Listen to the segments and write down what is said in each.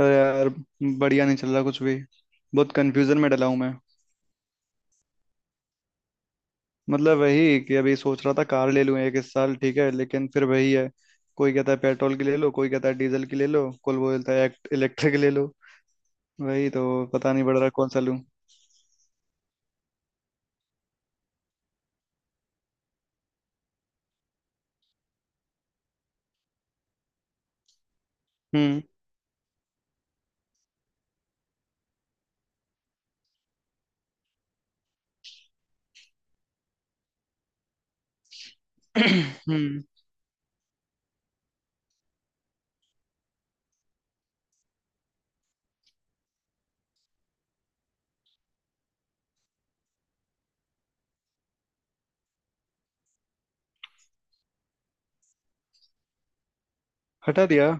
अरे यार, बढ़िया नहीं चल रहा कुछ भी। बहुत कंफ्यूजन में डला हूँ मैं। मतलब वही कि अभी सोच रहा था कार ले लूँ एक इस साल, ठीक है, लेकिन फिर वही है। कोई कहता है पेट्रोल की ले लो, कोई कहता है डीजल की ले लो, कोई बोलता है इलेक्ट्रिक ले लो। वही तो पता नहीं पड़ रहा कौन सा लूँ। हम्म। हम्म। हटा दिया?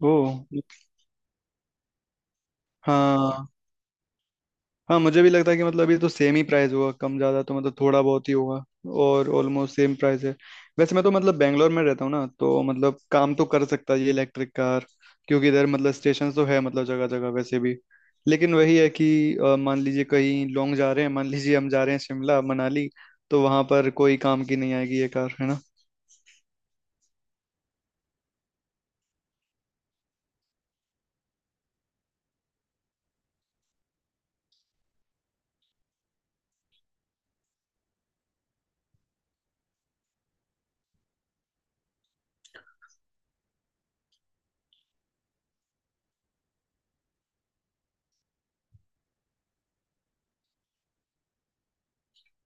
ओ। हाँ, हाँ मुझे भी लगता है कि मतलब अभी तो सेम ही प्राइस होगा, कम ज्यादा तो मतलब थोड़ा बहुत ही होगा। और ऑलमोस्ट सेम प्राइस है। वैसे मैं तो मतलब बेंगलोर में रहता हूँ ना, तो मतलब काम तो कर सकता है ये इलेक्ट्रिक कार, क्योंकि इधर मतलब स्टेशन तो है, मतलब जगह जगह वैसे भी। लेकिन वही है कि मान लीजिए कहीं लॉन्ग जा रहे हैं, मान लीजिए हम जा रहे हैं शिमला मनाली, तो वहां पर कोई काम की नहीं आएगी ये कार, है ना।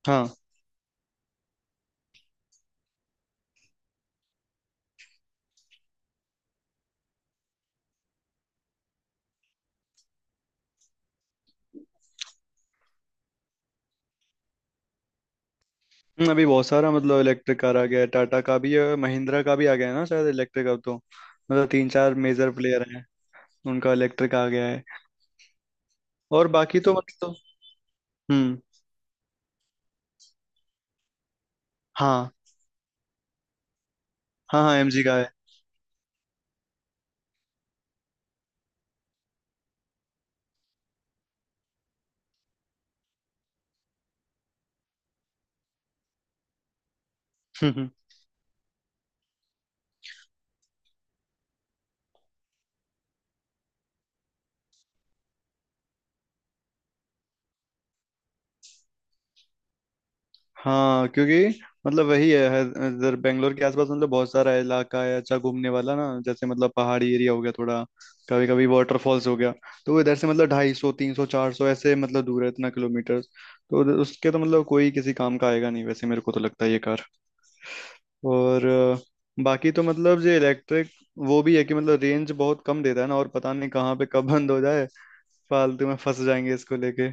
हाँ। अभी बहुत सारा मतलब इलेक्ट्रिक कार आ गया है, टाटा का भी है, महिंद्रा का भी आ गया है ना शायद इलेक्ट्रिक अब तो। मतलब तीन चार मेजर प्लेयर हैं, उनका इलेक्ट्रिक आ गया है। और बाकी तो मतलब हम्म। हाँ हाँ। हाँ, एमजी का है। हम्म। हम्म। हाँ, क्योंकि मतलब वही है इधर बेंगलोर के आसपास मतलब बहुत सारा इलाका है अच्छा घूमने वाला ना, जैसे मतलब पहाड़ी एरिया हो गया थोड़ा, कभी कभी वाटरफॉल्स हो गया। तो वो इधर से मतलब ढाई सौ तीन सौ चार सौ ऐसे मतलब दूर है इतना किलोमीटर, तो उसके तो मतलब कोई किसी काम का आएगा नहीं वैसे, मेरे को तो लगता है ये कार। और बाकी तो मतलब ये इलेक्ट्रिक, वो भी है कि मतलब रेंज बहुत कम देता है ना, और पता नहीं कहाँ पे कब बंद हो जाए, फालतू में फंस जाएंगे इसको लेके।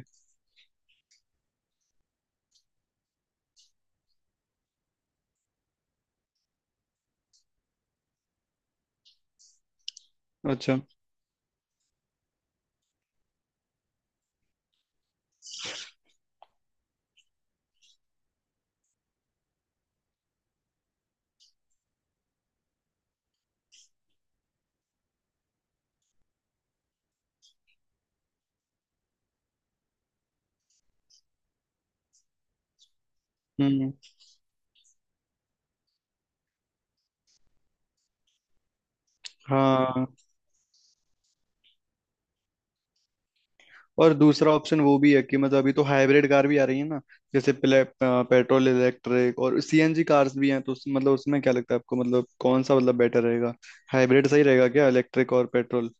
अच्छा। हम्म। हाँ। और दूसरा ऑप्शन वो भी है कि मतलब अभी तो हाइब्रिड कार भी आ रही है ना, जैसे पेट्रोल इलेक्ट्रिक और सीएनजी कार्स भी हैं, तो मतलब उसमें क्या लगता है आपको, मतलब कौन सा मतलब बेटर रहेगा? हाइब्रिड सही रहेगा क्या, इलेक्ट्रिक और पेट्रोल?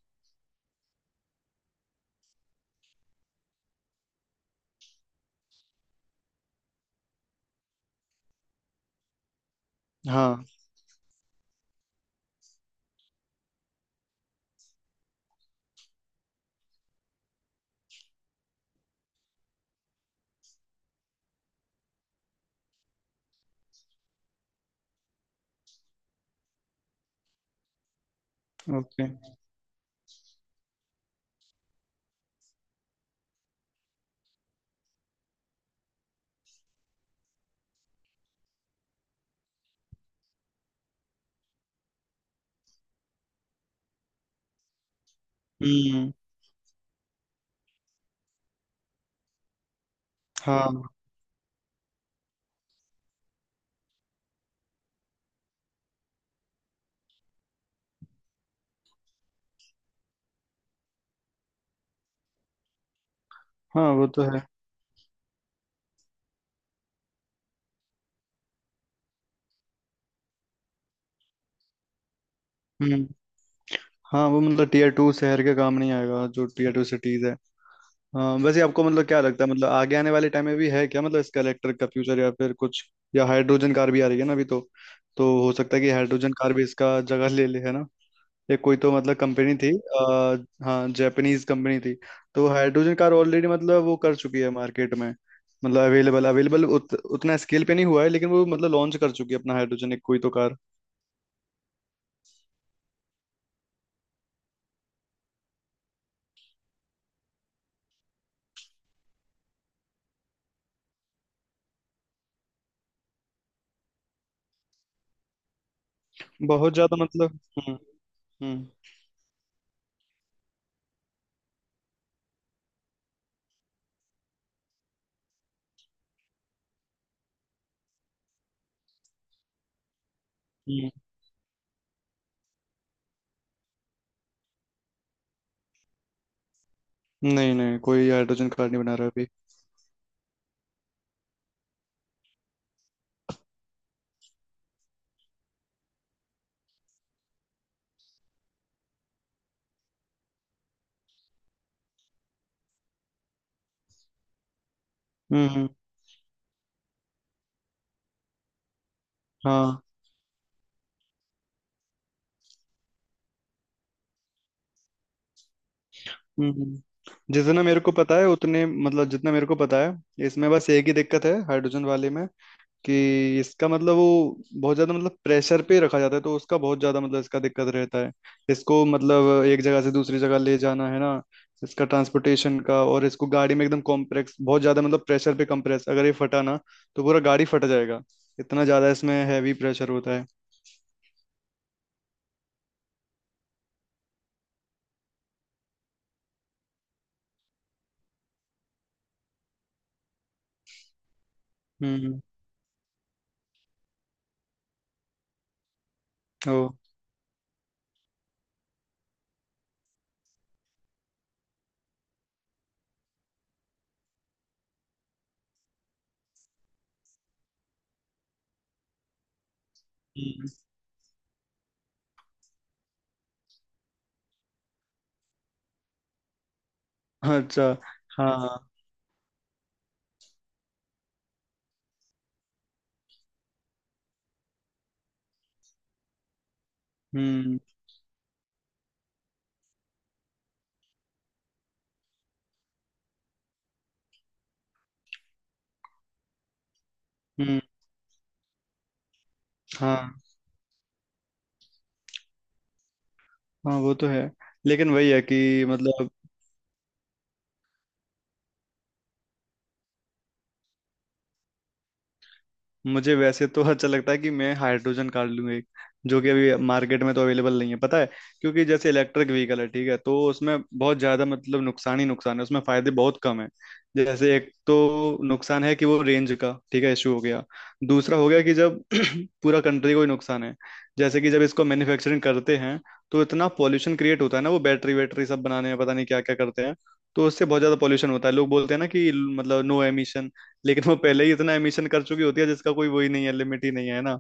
हाँ। ओके। हम्म। हाँ, हाँ वो तो है। हम्म। हाँ, वो मतलब टीयर टू शहर के काम नहीं आएगा जो टीयर टू सिटीज है। हाँ, वैसे आपको मतलब क्या लगता है, मतलब आगे आने वाले टाइम में भी है क्या मतलब इसका, इलेक्ट्रिक का फ्यूचर, या फिर कुछ या हाइड्रोजन कार भी आ रही है ना अभी तो। तो हो सकता है कि हाइड्रोजन कार भी इसका जगह ले ले, है ना। ये कोई तो मतलब कंपनी थी हाँ, जापानीज कंपनी थी। तो हाइड्रोजन कार ऑलरेडी मतलब वो कर चुकी है मार्केट में। मतलब अवेलेबल, अवेलेबल उतना स्केल पे नहीं हुआ है, लेकिन वो मतलब लॉन्च कर चुकी है अपना हाइड्रोजन, एक कोई तो कार। बहुत ज्यादा मतलब हम्म। हम्म। हम्म। नहीं नहीं, कोई हाइड्रोजन कार नहीं बना रहा अभी। हम्म। हम्म। हाँ। हम्म। जितना मेरे को पता है उतने मतलब, जितना मेरे को पता है इसमें बस एक ही दिक्कत है हाइड्रोजन वाले में, कि इसका मतलब वो बहुत ज्यादा मतलब प्रेशर पे रखा जाता है, तो उसका बहुत ज्यादा मतलब इसका दिक्कत रहता है। इसको मतलब एक जगह से दूसरी जगह ले जाना है ना, इसका ट्रांसपोर्टेशन का, और इसको गाड़ी में एकदम कॉम्प्रेक्स बहुत ज्यादा मतलब प्रेशर पे कंप्रेस, अगर ये फटा ना तो पूरा गाड़ी फट जाएगा। इतना ज्यादा इसमें हैवी प्रेशर होता है। हम्म। ओ। हम्म। अच्छा। हाँ, हाँ। हम्म। हम्म। हाँ, हाँ वो तो है, लेकिन वही है कि मतलब मुझे वैसे तो अच्छा लगता है कि मैं हाइड्रोजन कार लूँ एक, जो कि अभी मार्केट में तो अवेलेबल नहीं है, पता है। क्योंकि जैसे इलेक्ट्रिक व्हीकल है, ठीक है, तो उसमें बहुत ज़्यादा मतलब नुकसान ही नुकसान है, उसमें फ़ायदे बहुत कम है। जैसे एक तो नुकसान है कि वो रेंज का, ठीक है, इशू हो गया। दूसरा हो गया कि जब पूरा कंट्री को ही नुकसान है, जैसे कि जब इसको मैन्युफैक्चरिंग करते हैं तो इतना पॉल्यूशन क्रिएट होता है ना, वो बैटरी वैटरी सब बनाने में पता नहीं क्या क्या करते हैं। तो उससे बहुत ज़्यादा पॉल्यूशन होता है। लोग बोलते हैं ना कि मतलब नो एमिशन, लेकिन वो पहले ही इतना एमिशन कर चुकी होती है जिसका कोई वही नहीं है, लिमिट ही नहीं है ना।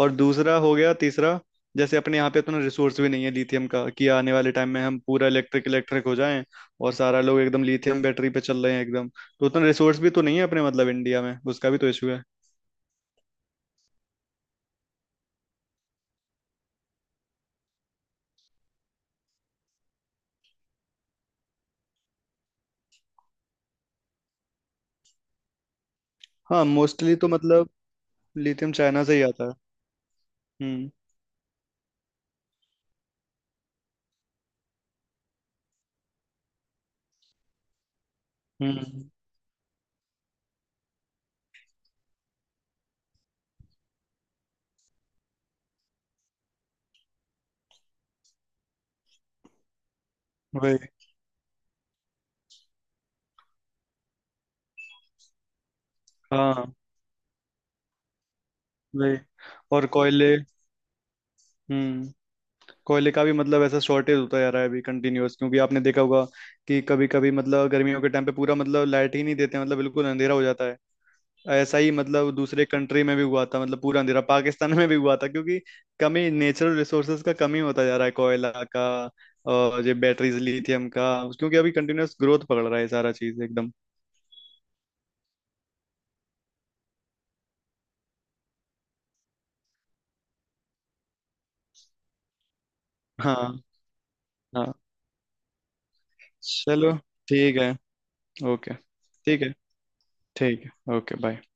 और दूसरा हो गया, तीसरा, जैसे अपने यहाँ पे इतना रिसोर्स भी नहीं है लिथियम का कि आने वाले टाइम में हम पूरा इलेक्ट्रिक इलेक्ट्रिक हो जाएं, और सारा लोग एकदम लिथियम बैटरी पे चल रहे हैं एकदम, तो उतना रिसोर्स भी तो नहीं है अपने मतलब इंडिया में, उसका भी तो इशू है। हाँ, मोस्टली तो मतलब लिथियम चाइना से ही आता है। हम्म। हम्म। वही। हाँ। वही, और कोयले। हम्म। कोयले का भी मतलब ऐसा शॉर्टेज होता जा रहा है अभी कंटिन्यूअस, क्योंकि आपने देखा होगा कि कभी कभी मतलब गर्मियों के टाइम पे पूरा मतलब लाइट ही नहीं देते, मतलब बिल्कुल अंधेरा हो जाता है। ऐसा ही मतलब दूसरे कंट्री में भी हुआ था, मतलब पूरा अंधेरा पाकिस्तान में भी हुआ था, क्योंकि कमी, नेचुरल रिसोर्सेज का कमी होता जा रहा है, कोयला का, और ये बैटरीज लिथियम का, क्योंकि अभी कंटिन्यूअस ग्रोथ पकड़ रहा है सारा चीज एकदम। हाँ। हाँ। चलो, ठीक है। ओके, ठीक है। ठीक है, ओके, बाय।